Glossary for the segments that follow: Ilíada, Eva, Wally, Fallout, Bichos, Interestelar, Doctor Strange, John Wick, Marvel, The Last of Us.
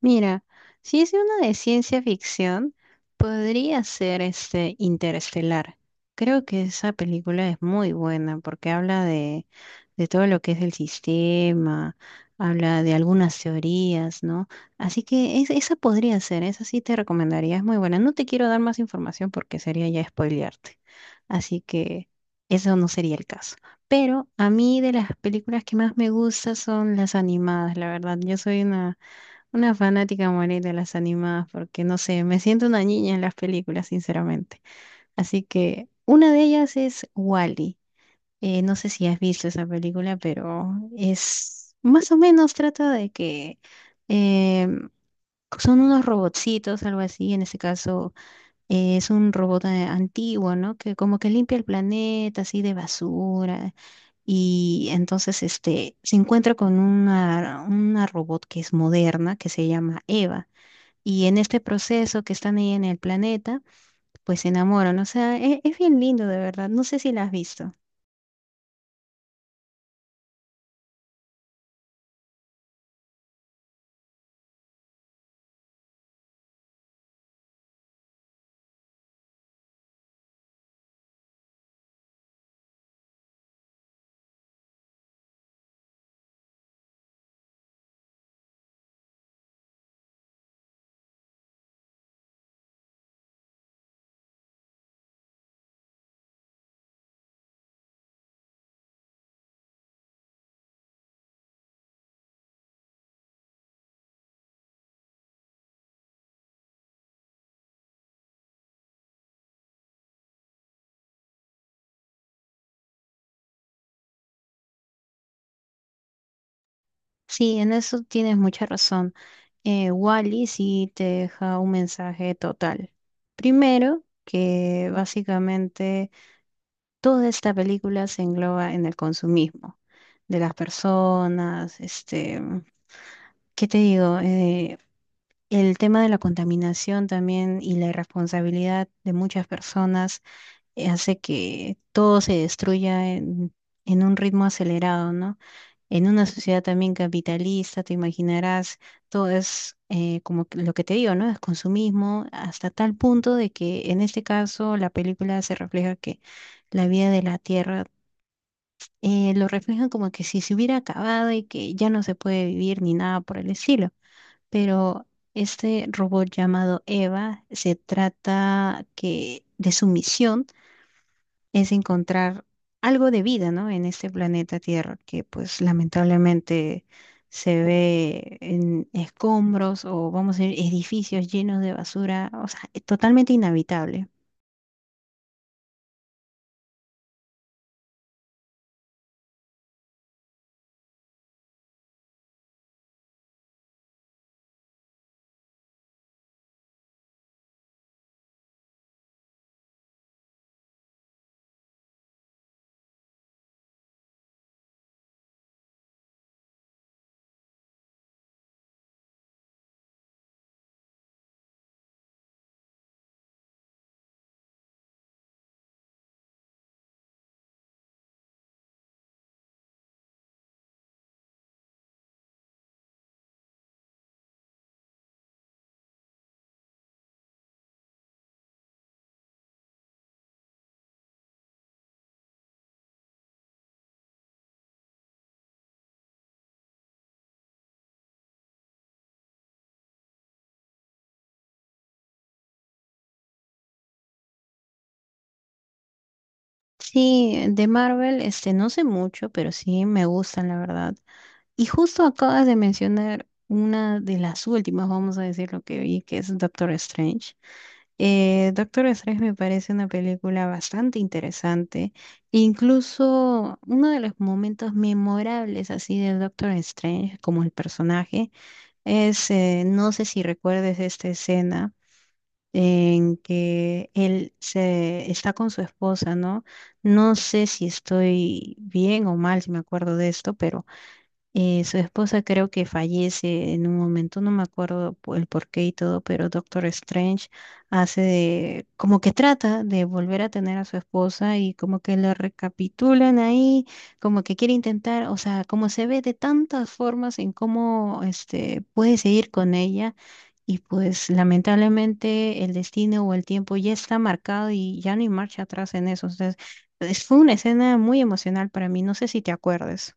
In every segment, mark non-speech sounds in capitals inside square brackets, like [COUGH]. Mira, si es una de ciencia ficción, podría ser este Interestelar. Creo que esa película es muy buena porque habla de todo lo que es el sistema, habla de algunas teorías, ¿no? Así que esa podría ser, esa sí te recomendaría, es muy buena. No te quiero dar más información porque sería ya spoilearte. Así que eso no sería el caso. Pero a mí de las películas que más me gustan son las animadas, la verdad. Yo soy una fanática morir de las animadas porque no sé, me siento una niña en las películas, sinceramente. Así que una de ellas es Wally. No sé si has visto esa película, pero es más o menos trata de que eh, son unos robotcitos, algo así. En este caso es un robot antiguo, ¿no? Que como que limpia el planeta así de basura. Y entonces este, se encuentra con una robot que es moderna, que se llama Eva y en este proceso que están ahí en el planeta, pues se enamoran. O sea, es, bien lindo de verdad. No sé si la has visto. Sí, en eso tienes mucha razón. Wally sí te deja un mensaje total. Primero, que básicamente toda esta película se engloba en el consumismo de las personas, este, ¿qué te digo? El tema de la contaminación también y la irresponsabilidad de muchas personas hace que todo se destruya en un ritmo acelerado, ¿no? En una sociedad también capitalista, te imaginarás, todo es como que lo que te digo, ¿no? Es consumismo hasta tal punto de que en este caso la película se refleja que la vida de la Tierra lo reflejan como que si se hubiera acabado y que ya no se puede vivir ni nada por el estilo. Pero este robot llamado Eva se trata que de su misión es encontrar algo de vida, ¿no? En este planeta Tierra, que pues lamentablemente se ve en escombros o vamos a decir edificios llenos de basura, o sea, es totalmente inhabitable. Sí, de Marvel, este, no sé mucho, pero sí me gustan, la verdad. Y justo acabas de mencionar una de las últimas, vamos a decir lo que vi, que es Doctor Strange. Doctor Strange me parece una película bastante interesante. Incluso uno de los momentos memorables así del Doctor Strange como el personaje es, no sé si recuerdes esta escena en que él se está con su esposa, ¿no? No sé si estoy bien o mal, si me acuerdo de esto, pero su esposa creo que fallece en un momento, no me acuerdo el porqué y todo, pero Doctor Strange hace de, como que trata de volver a tener a su esposa y como que lo recapitulan ahí, como que quiere intentar, o sea, como se ve de tantas formas en cómo este puede seguir con ella y pues lamentablemente el destino o el tiempo ya está marcado y ya no hay marcha atrás en eso. Entonces, fue una escena muy emocional para mí, no sé si te acuerdes.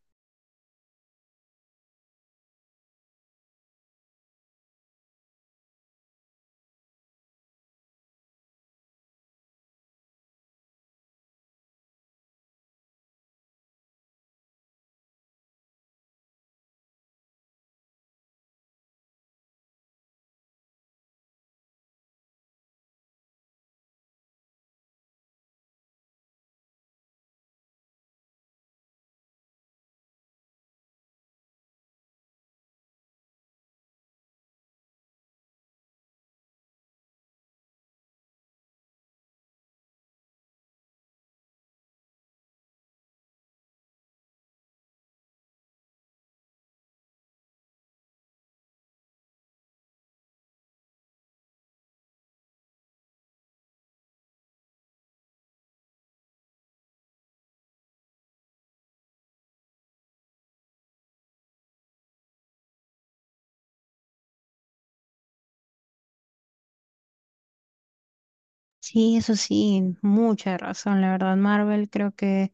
Sí, eso sí, mucha razón, la verdad. Marvel creo que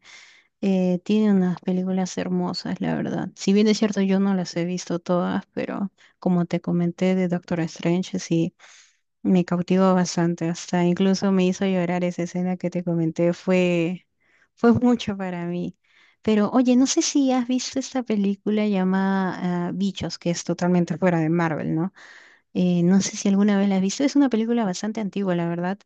tiene unas películas hermosas, la verdad. Si bien es cierto, yo no las he visto todas, pero como te comenté de Doctor Strange, sí, me cautivó bastante. Hasta incluso me hizo llorar esa escena que te comenté, fue, fue mucho para mí. Pero oye, no sé si has visto esta película llamada ah, Bichos, que es totalmente fuera de Marvel, ¿no? No sé si alguna vez la has visto, es una película bastante antigua, la verdad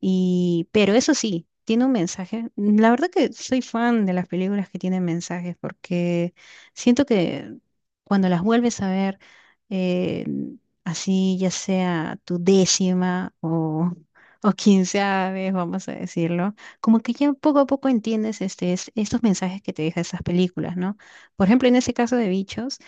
y, pero eso sí, tiene un mensaje. La verdad que soy fan de las películas que tienen mensajes porque siento que cuando las vuelves a ver, eh, así ya sea tu décima o, [LAUGHS] o quinceava vez, vamos a decirlo, como que ya poco a poco entiendes este, estos mensajes que te dejan esas películas, ¿no? Por ejemplo, en ese caso de Bichos,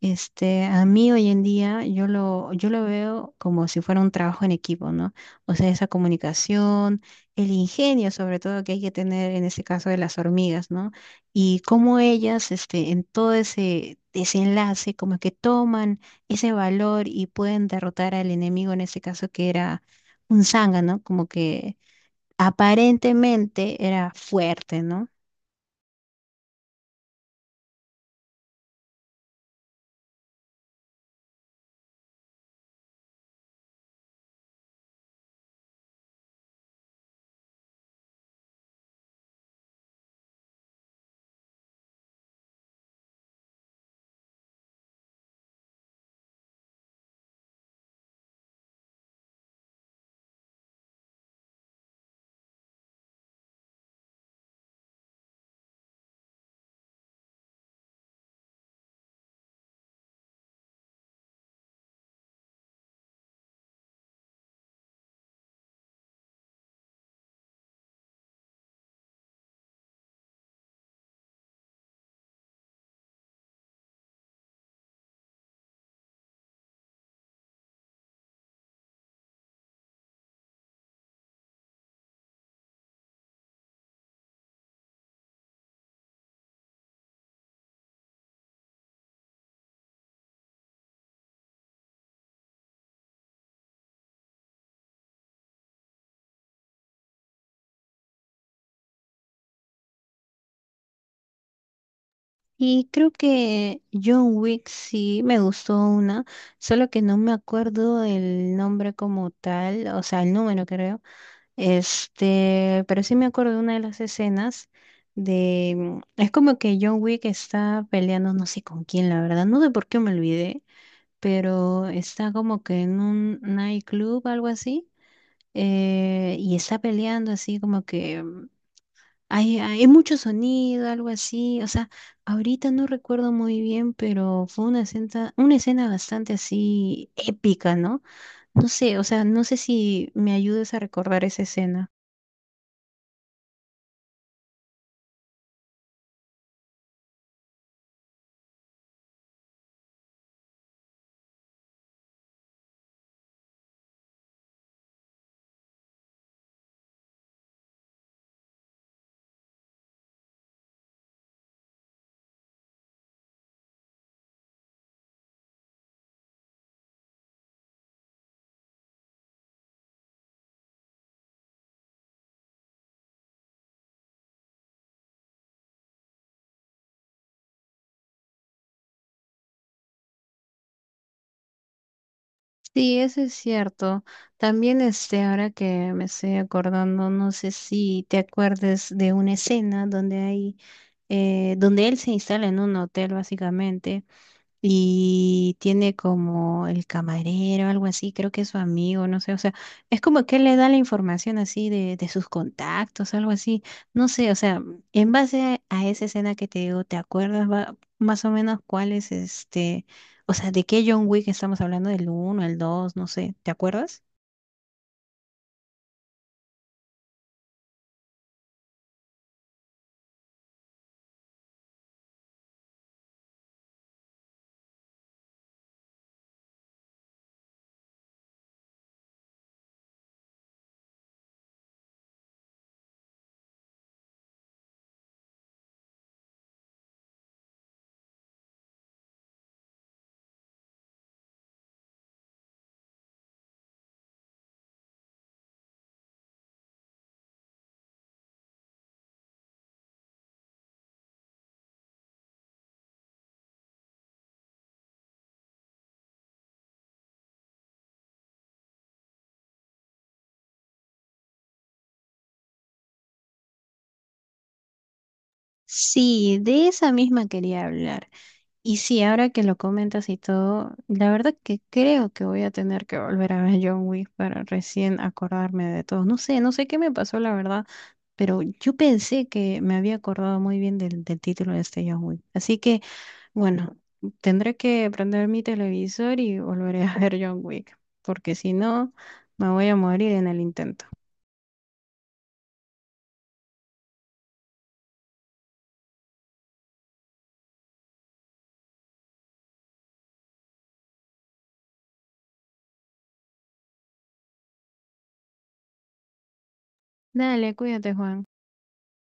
este, a mí hoy en día yo lo veo como si fuera un trabajo en equipo, ¿no? O sea, esa comunicación, el ingenio sobre todo que hay que tener en ese caso de las hormigas, ¿no? Y cómo ellas, este, en todo ese desenlace, como que toman ese valor y pueden derrotar al enemigo, en ese caso que era un zángano, como que aparentemente era fuerte, ¿no? Y creo que John Wick sí me gustó una, solo que no me acuerdo el nombre como tal, o sea, el número creo. Este, pero sí me acuerdo de una de las escenas de... Mm, es como que John Wick está peleando, no sé con quién, la verdad, no sé por qué me olvidé, pero está como que en un nightclub, algo así, y está peleando así como que hay mucho sonido, algo así, o sea, ahorita no recuerdo muy bien, pero fue una escena bastante así épica, ¿no? No sé, o sea, no sé si me ayudes a recordar esa escena. Sí, eso es cierto. También este, ahora que me estoy acordando, no sé si te acuerdes de una escena donde hay, donde él se instala en un hotel básicamente y tiene como el camarero, algo así, creo que es su amigo, no sé, o sea, es como que él le da la información así de sus contactos, algo así, no sé, o sea, en base a esa escena que te digo, ¿te acuerdas más o menos cuál es este, o sea, de qué John Wick estamos hablando, del uno el 2 no sé, ¿te acuerdas? Sí, de esa misma quería hablar. Y sí, ahora que lo comentas y todo, la verdad que creo que voy a tener que volver a ver John Wick para recién acordarme de todo. No sé, no sé qué me pasó, la verdad, pero yo pensé que me había acordado muy bien del título de este John Wick. Así que, bueno, tendré que prender mi televisor y volveré a ver John Wick, porque si no, me voy a morir en el intento. Dale, cuídate, Juan.